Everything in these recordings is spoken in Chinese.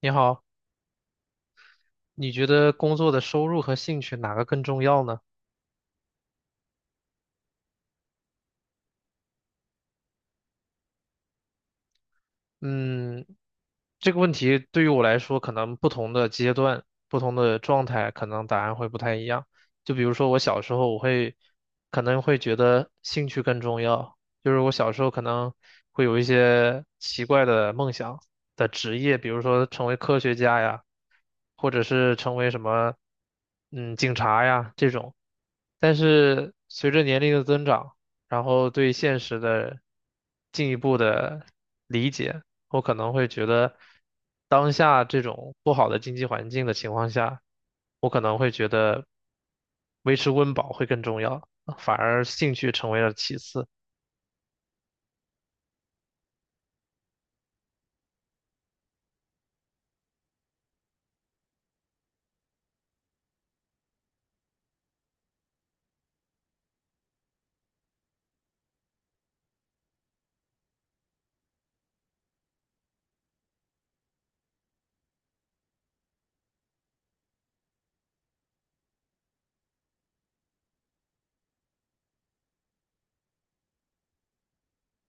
你好，你觉得工作的收入和兴趣哪个更重要呢？嗯，这个问题对于我来说，可能不同的阶段、不同的状态，可能答案会不太一样。就比如说，我小时候，我会可能会觉得兴趣更重要，就是我小时候可能会有一些奇怪的梦想的职业，比如说成为科学家呀，或者是成为什么，警察呀这种。但是随着年龄的增长，然后对现实的进一步的理解。我可能会觉得，当下这种不好的经济环境的情况下，我可能会觉得维持温饱会更重要，反而兴趣成为了其次。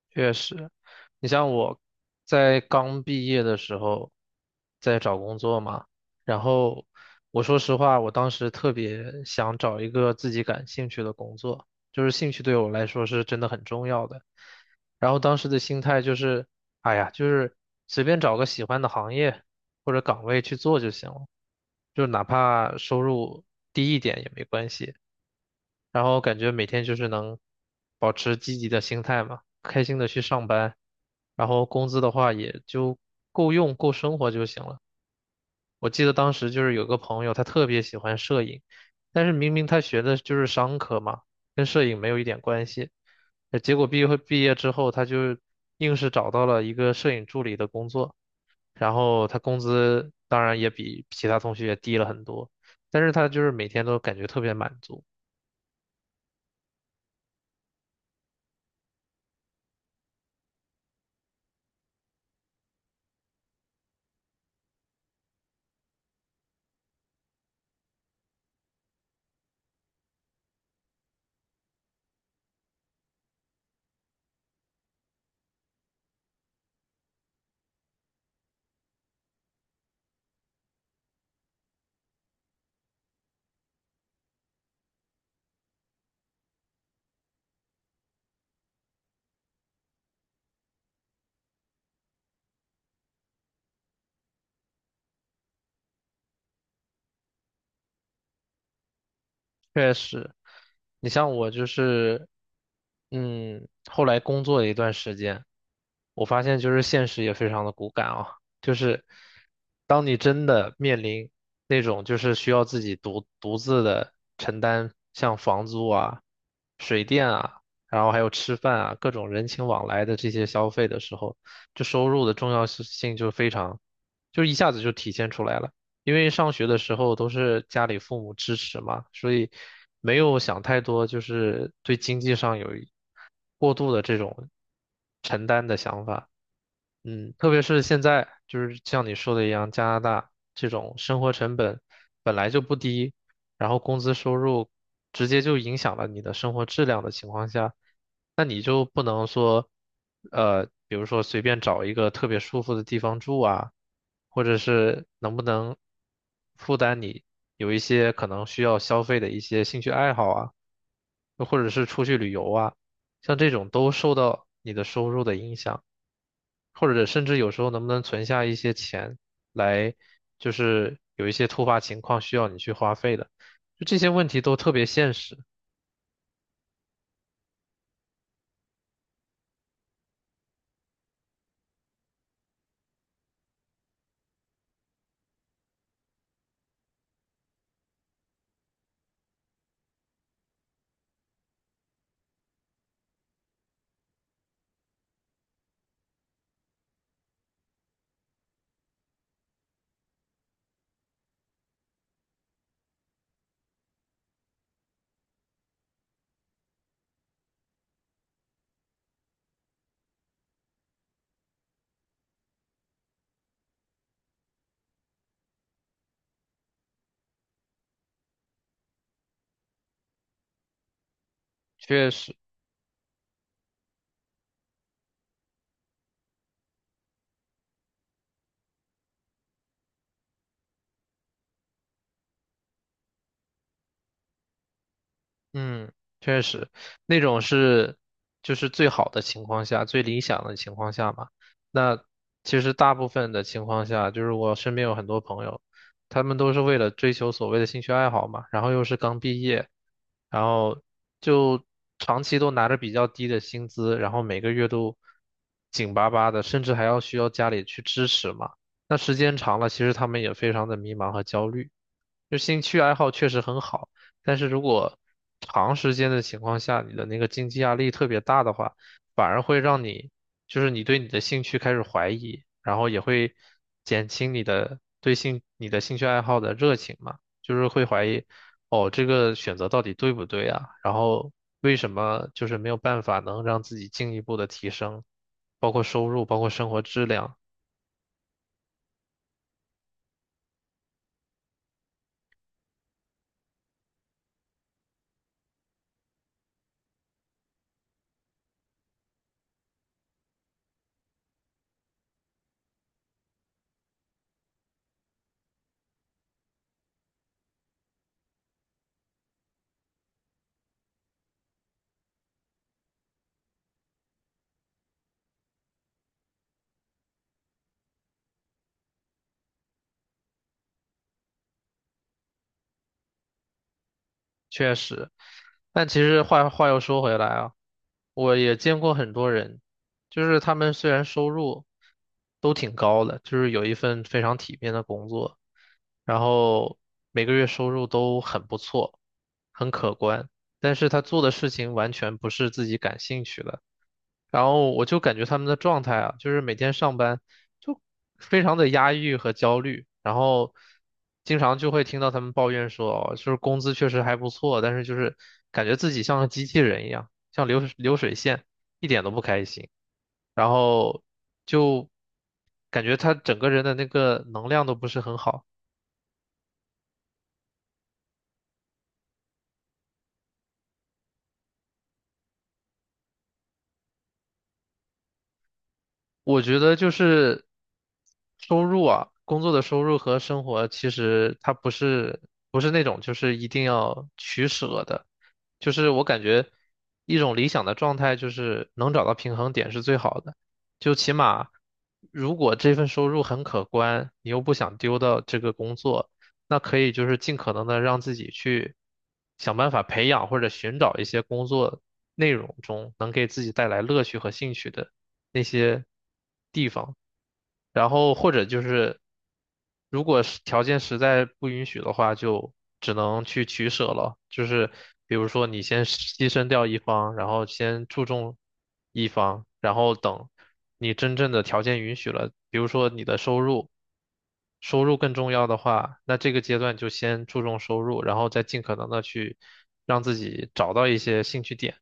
确实，你像我在刚毕业的时候，在找工作嘛，然后我说实话，我当时特别想找一个自己感兴趣的工作，就是兴趣对我来说是真的很重要的。然后当时的心态就是，哎呀，就是随便找个喜欢的行业或者岗位去做就行了，就哪怕收入低一点也没关系。然后感觉每天就是能保持积极的心态嘛，开心的去上班，然后工资的话也就够用，够生活就行了。我记得当时就是有个朋友，他特别喜欢摄影，但是明明他学的就是商科嘛，跟摄影没有一点关系。结果毕业之后，他就硬是找到了一个摄影助理的工作，然后他工资当然也比其他同学低了很多，但是他就是每天都感觉特别满足。确实，你像我就是，后来工作了一段时间，我发现就是现实也非常的骨感啊，就是当你真的面临那种就是需要自己独自的承担像房租啊、水电啊，然后还有吃饭啊各种人情往来的这些消费的时候，这收入的重要性就非常，就一下子就体现出来了。因为上学的时候都是家里父母支持嘛，所以没有想太多，就是对经济上有一过度的这种承担的想法。嗯，特别是现在，就是像你说的一样，加拿大这种生活成本本来就不低，然后工资收入直接就影响了你的生活质量的情况下，那你就不能说，比如说随便找一个特别舒服的地方住啊，或者是能不能负担你有一些可能需要消费的一些兴趣爱好啊，又或者是出去旅游啊，像这种都受到你的收入的影响，或者甚至有时候能不能存下一些钱来，就是有一些突发情况需要你去花费的，就这些问题都特别现实，确实。嗯，确实，那种是就是最好的情况下，最理想的情况下嘛。那其实大部分的情况下，就是我身边有很多朋友，他们都是为了追求所谓的兴趣爱好嘛，然后又是刚毕业，然后就长期都拿着比较低的薪资，然后每个月都紧巴巴的，甚至还要需要家里去支持嘛。那时间长了，其实他们也非常的迷茫和焦虑。就兴趣爱好确实很好。但是如果长时间的情况下，你的那个经济压力特别大的话，反而会让你，就是你对你的兴趣开始怀疑，然后也会减轻你的你的兴趣爱好的热情嘛，就是会怀疑，哦，这个选择到底对不对啊？然后为什么就是没有办法能让自己进一步的提升，包括收入，包括生活质量，确实。但其实话又说回来啊，我也见过很多人，就是他们虽然收入都挺高的，就是有一份非常体面的工作，然后每个月收入都很不错，很可观，但是他做的事情完全不是自己感兴趣的。然后我就感觉他们的状态啊，就是每天上班就非常的压抑和焦虑，然后经常就会听到他们抱怨说，哦就是工资确实还不错，但是就是感觉自己像个机器人一样，像流水线，一点都不开心，然后就感觉他整个人的那个能量都不是很好。我觉得就是收入啊，工作的收入和生活其实它不是那种就是一定要取舍的，就是我感觉一种理想的状态就是能找到平衡点是最好的，就起码如果这份收入很可观，你又不想丢掉这个工作，那可以就是尽可能的让自己去想办法培养或者寻找一些工作内容中能给自己带来乐趣和兴趣的。那些地方，然后或者就是如果是条件实在不允许的话，就只能去取舍了，就是比如说你先牺牲掉一方，然后先注重一方，然后等你真正的条件允许了，比如说你的收入。收入更重要的话，那这个阶段就先注重收入，然后再尽可能的去让自己找到一些兴趣点。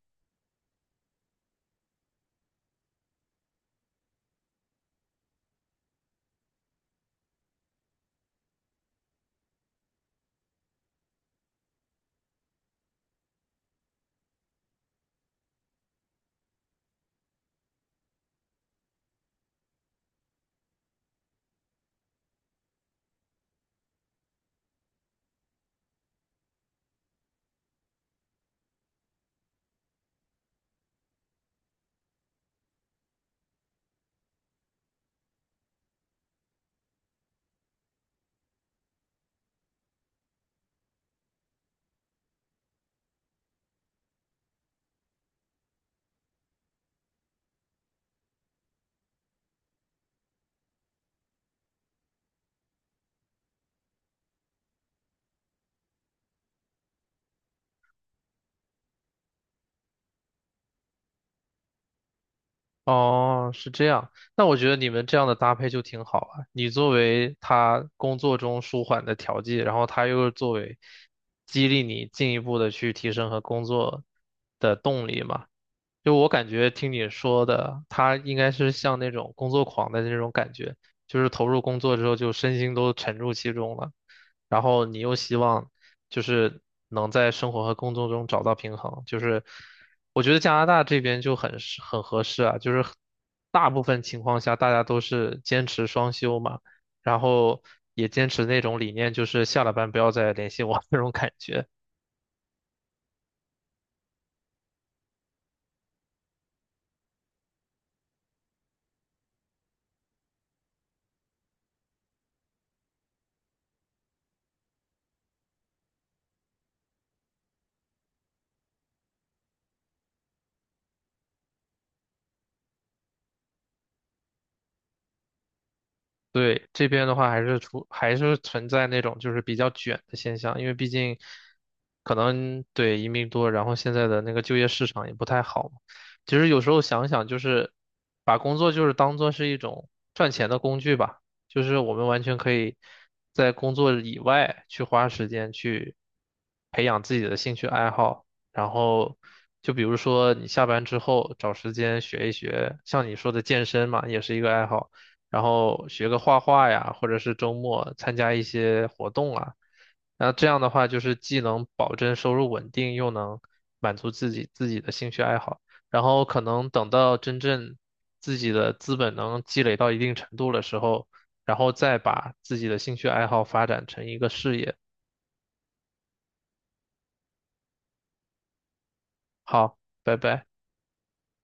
哦，是这样。那我觉得你们这样的搭配就挺好啊。你作为他工作中舒缓的调剂，然后他又作为激励你进一步的去提升和工作的动力嘛。就我感觉听你说的，他应该是像那种工作狂的那种感觉，就是投入工作之后就身心都沉入其中了，然后你又希望就是能在生活和工作中找到平衡，就是我觉得加拿大这边就很合适啊，就是很大部分情况下大家都是坚持双休嘛，然后也坚持那种理念，就是下了班不要再联系我 那种感觉。对，这边的话还是存在那种就是比较卷的现象，因为毕竟可能对移民多，然后现在的那个就业市场也不太好嘛其实有时候想想，就是把工作就是当做是一种赚钱的工具吧，就是我们完全可以在工作以外去花时间去培养自己的兴趣爱好，然后就比如说你下班之后找时间学一学，像你说的健身嘛，也是一个爱好。然后学个画画呀，或者是周末参加一些活动啊。那这样的话，就是既能保证收入稳定，又能满足自己的兴趣爱好。然后可能等到真正自己的资本能积累到一定程度的时候，然后再把自己的兴趣爱好发展成一个事业。好，拜拜。